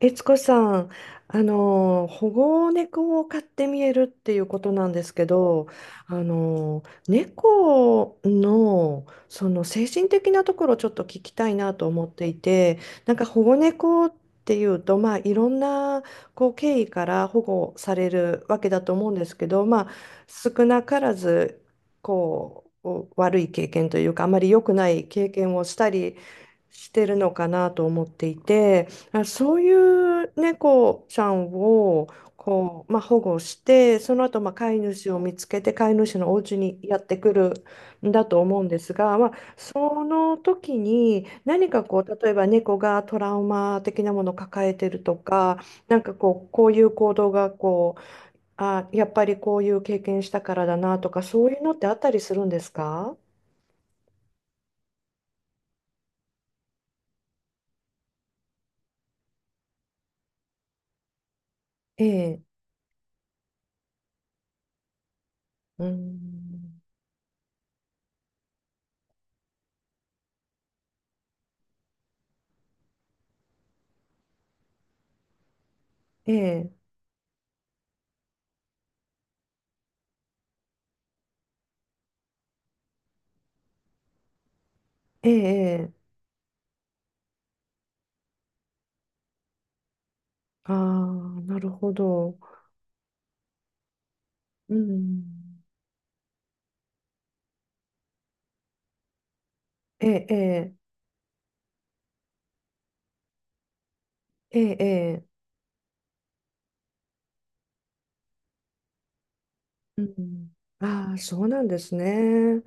悦子さん、保護猫を飼ってみえるっていうことなんですけど、あの、猫の、その精神的なところをちょっと聞きたいなと思っていて、なんか保護猫っていうと、まあ、いろんなこう経緯から保護されるわけだと思うんですけど、まあ、少なからず、こう、悪い経験というか、あまり良くない経験をしたりしてるのかなと思っていて。あ、そういう猫ちゃんをこう、まあ、保護して、その後、まあ、飼い主を見つけて飼い主のお家にやってくるんだと思うんですが、まあ、その時に何かこう例えば猫がトラウマ的なものを抱えてるとか、なんかこう、こういう行動がこう、あ、やっぱりこういう経験したからだなとかそういうのってあったりするんですか？ええ、うん、ええ、ええ、ええ、ああ、なるほど。うん。ええ、ええ、ええ、ええ、うん。ああ、そうなんですね。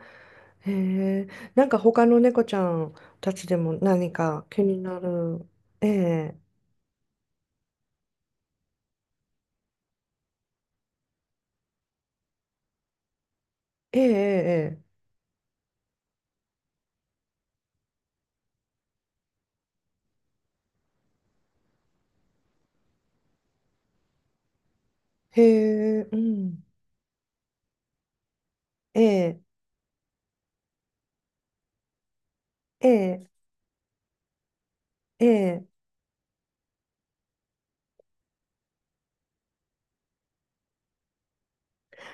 へえ。なんか他の猫ちゃんたちでも何か気になる。ええ、ええ、ええ。ええ、へえ、うん。ええ、ええ、ええ。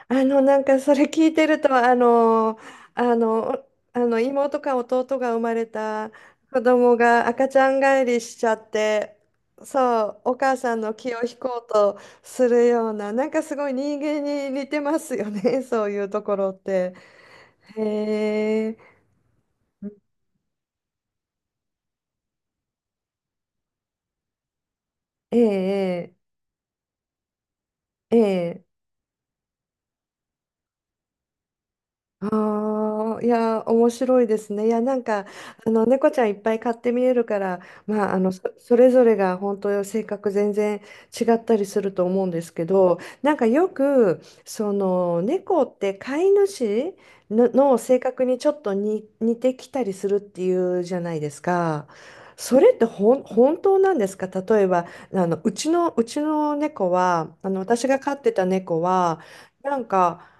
なんかそれ聞いてると、あの、あの妹か弟が生まれた子供が赤ちゃん返りしちゃって、そう、お母さんの気を引こうとするような、なんかすごい人間に似てますよね、そういうところって。へえ、ええ、ええ。ええ、ああ、いやー、面白いですね。いや、なんか、あの、猫ちゃんいっぱい飼って見えるから、まあ、あの、そ、それぞれが本当性格全然違ったりすると思うんですけど、なんかよく、その、猫って飼い主の、の性格にちょっとに似てきたりするっていうじゃないですか。それってほん、本当なんですか？例えば、あの、うちの、うちの猫は、あの、私が飼ってた猫は、なんか、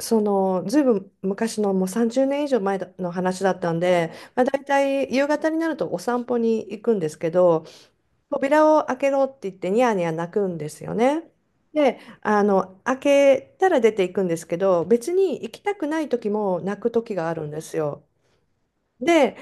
そのずいぶん昔のもう30年以上前の話だったんで、まあ、大体夕方になるとお散歩に行くんですけど、扉を開けろって言ってニヤニヤ泣くんですよね。であの開けたら出ていくんですけど別に行きたくない時も泣く時があるんですよ。で、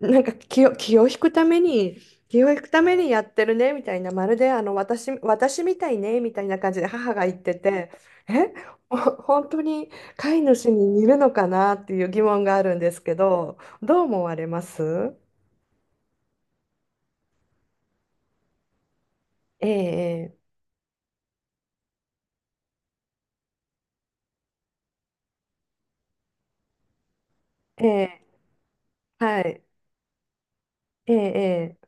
なんか気を引くために、気を引くためにやってるねみたいな、まるであの私みたいねみたいな感じで母が言ってて、え、ほ本当に飼い主に似るのかなっていう疑問があるんですけど、どう思われます？ええ、ええ、はい、ええ、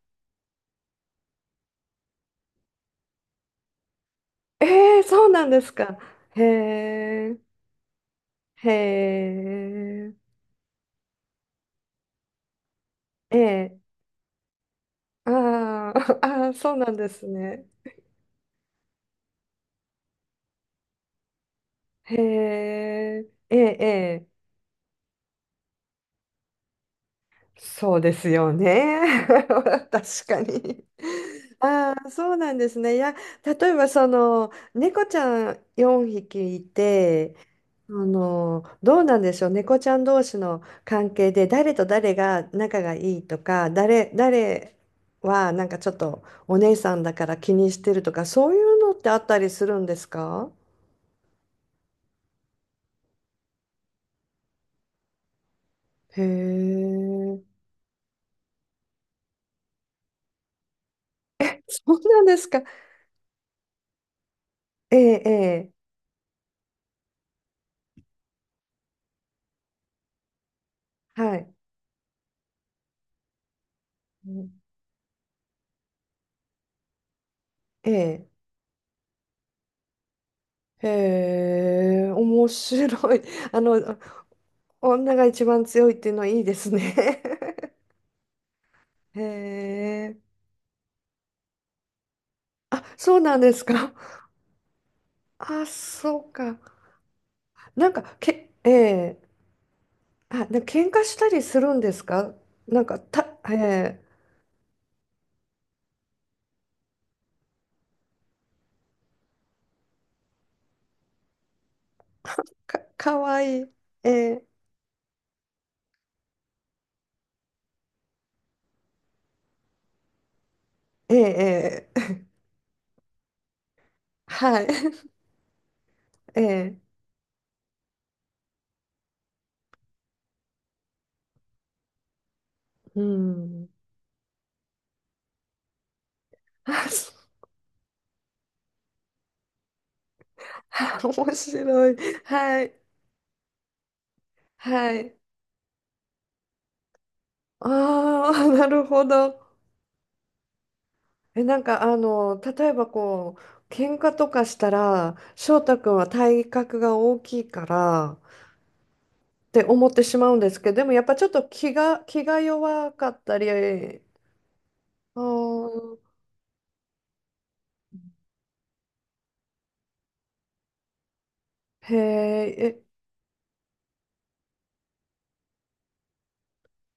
ええ、ええ、そうなんですか。へえ、へえ、ええ、ああ、ああ、そうなんですね。へえ、ええ、ええ、そうですよね。確かに。ああ、そうなんですね。いや、例えばその、猫ちゃん4匹いて、あの、どうなんでしょう。猫ちゃん同士の関係で、誰と誰が仲がいいとか、誰はなんかちょっとお姉さんだから気にしてるとか、そういうのってあったりするんですか？へえ、そうなんですか。ええ、ええ、はい。うん、ええ、へえ、面白い。あの、女が一番強いっていうのはいいですね。へえ、あ、そうなんですか。あ、そうか。なんか、け、ええ、あ、なんか喧嘩したりするんですか？なんか、た、ええ、か、かわいい。ええ、ええ、ええ はい。ええ、うん。あ、そう 面白い。はい、はい。ああ、なるほど。え、例えばこう、喧嘩とかしたら、翔太君は体格が大きいからって思ってしまうんですけど、でもやっぱちょっと気が弱かったり、あー、へーえ、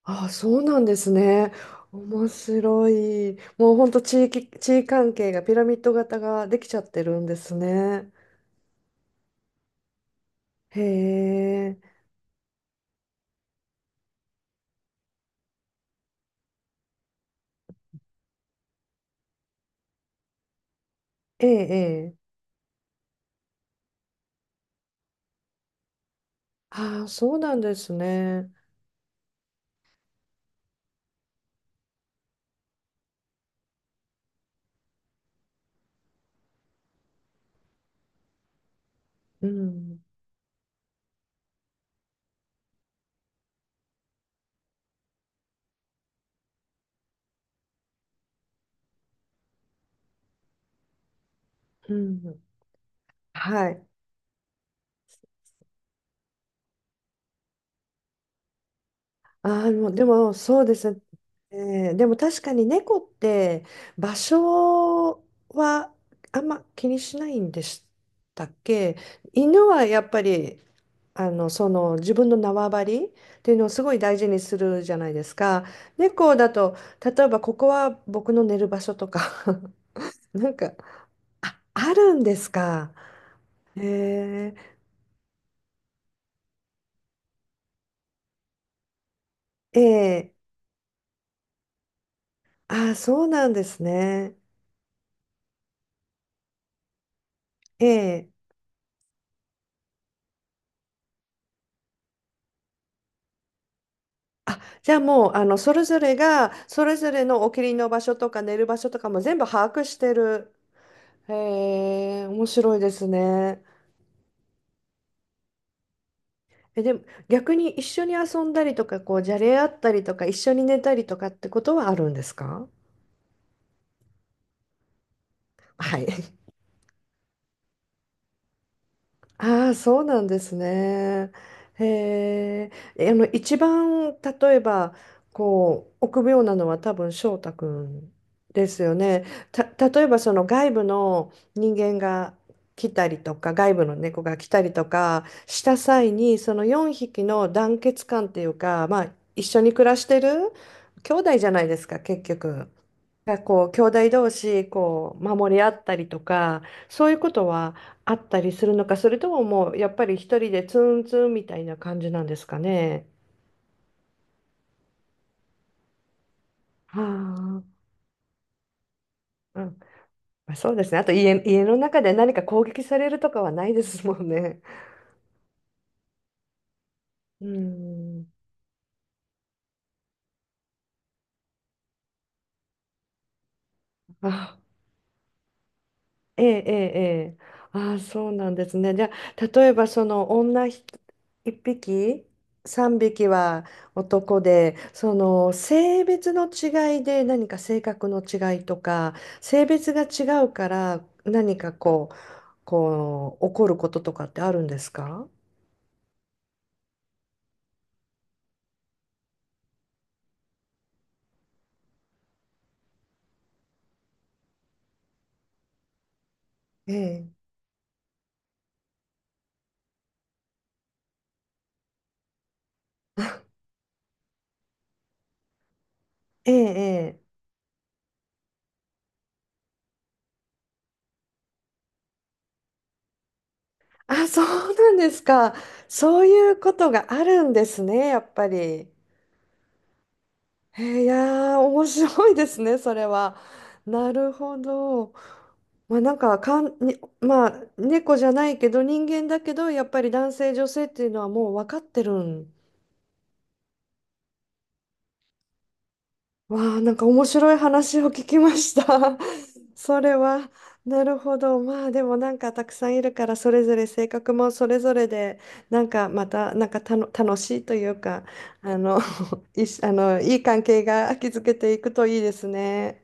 あー、そうなんですね。面白い。もうほんと地位関係がピラミッド型ができちゃってるんですね。へえ、ええ、ええ。ああ、そうなんですね。うん、うん。はい。ああ、もうでもそうですね。えー、でも確かに猫って場所はあんま気にしないんでしたっけ？犬はやっぱりあのその自分の縄張りっていうのをすごい大事にするじゃないですか。猫だと例えばここは僕の寝る場所とか なんか、あ、あるんですか。えー、えー、あー、そうなんですね。ええ、あ、じゃあもう、あの、それぞれが、それぞれのお気に入りの場所とか寝る場所とかも全部把握してる。へえ、面白いですね。え、でも逆に一緒に遊んだりとか、こう、じゃれ合ったりとか、一緒に寝たりとかってことはあるんですか？はい。ああ、そうなんですね。へえ、え、あの、一番、例えば、こう、臆病なのは多分翔太くんですよね。た、例えば、その外部の人間が来たりとか、外部の猫が来たりとかした際に、その4匹の団結感っていうか、まあ、一緒に暮らしてる兄弟じゃないですか、結局。がこう兄弟同士こう守り合ったりとかそういうことはあったりするのか、それとももうやっぱり一人でツンツンみたいな感じなんですかね。はあ、うん、まあそうですね。あと家の中で何か攻撃されるとかはないですもんね。うん。あ、ええ、ええ、ええ。ああ、そうなんですね。じゃあ、例えばその女ひ一匹、三匹は男で、その性別の違いで何か性格の違いとか、性別が違うから何かこう、こう、起こることとかってあるんですか？ええ、ええ、ええ。あ、そうなんですか。そういうことがあるんですね、やっぱり。えー、いやー、面白いですね、それは。なるほど。まあ、なんか、かん、に、まあ、猫じゃないけど、人間だけど、やっぱり男性、女性っていうのはもう分かってるん、わあ、なんか面白い話を聞きました。それは、なるほど。まあでもなんかたくさんいるからそれぞれ性格もそれぞれでなんかまたなんかたの楽しいというかあの いしあのいい関係が築けていくといいですね。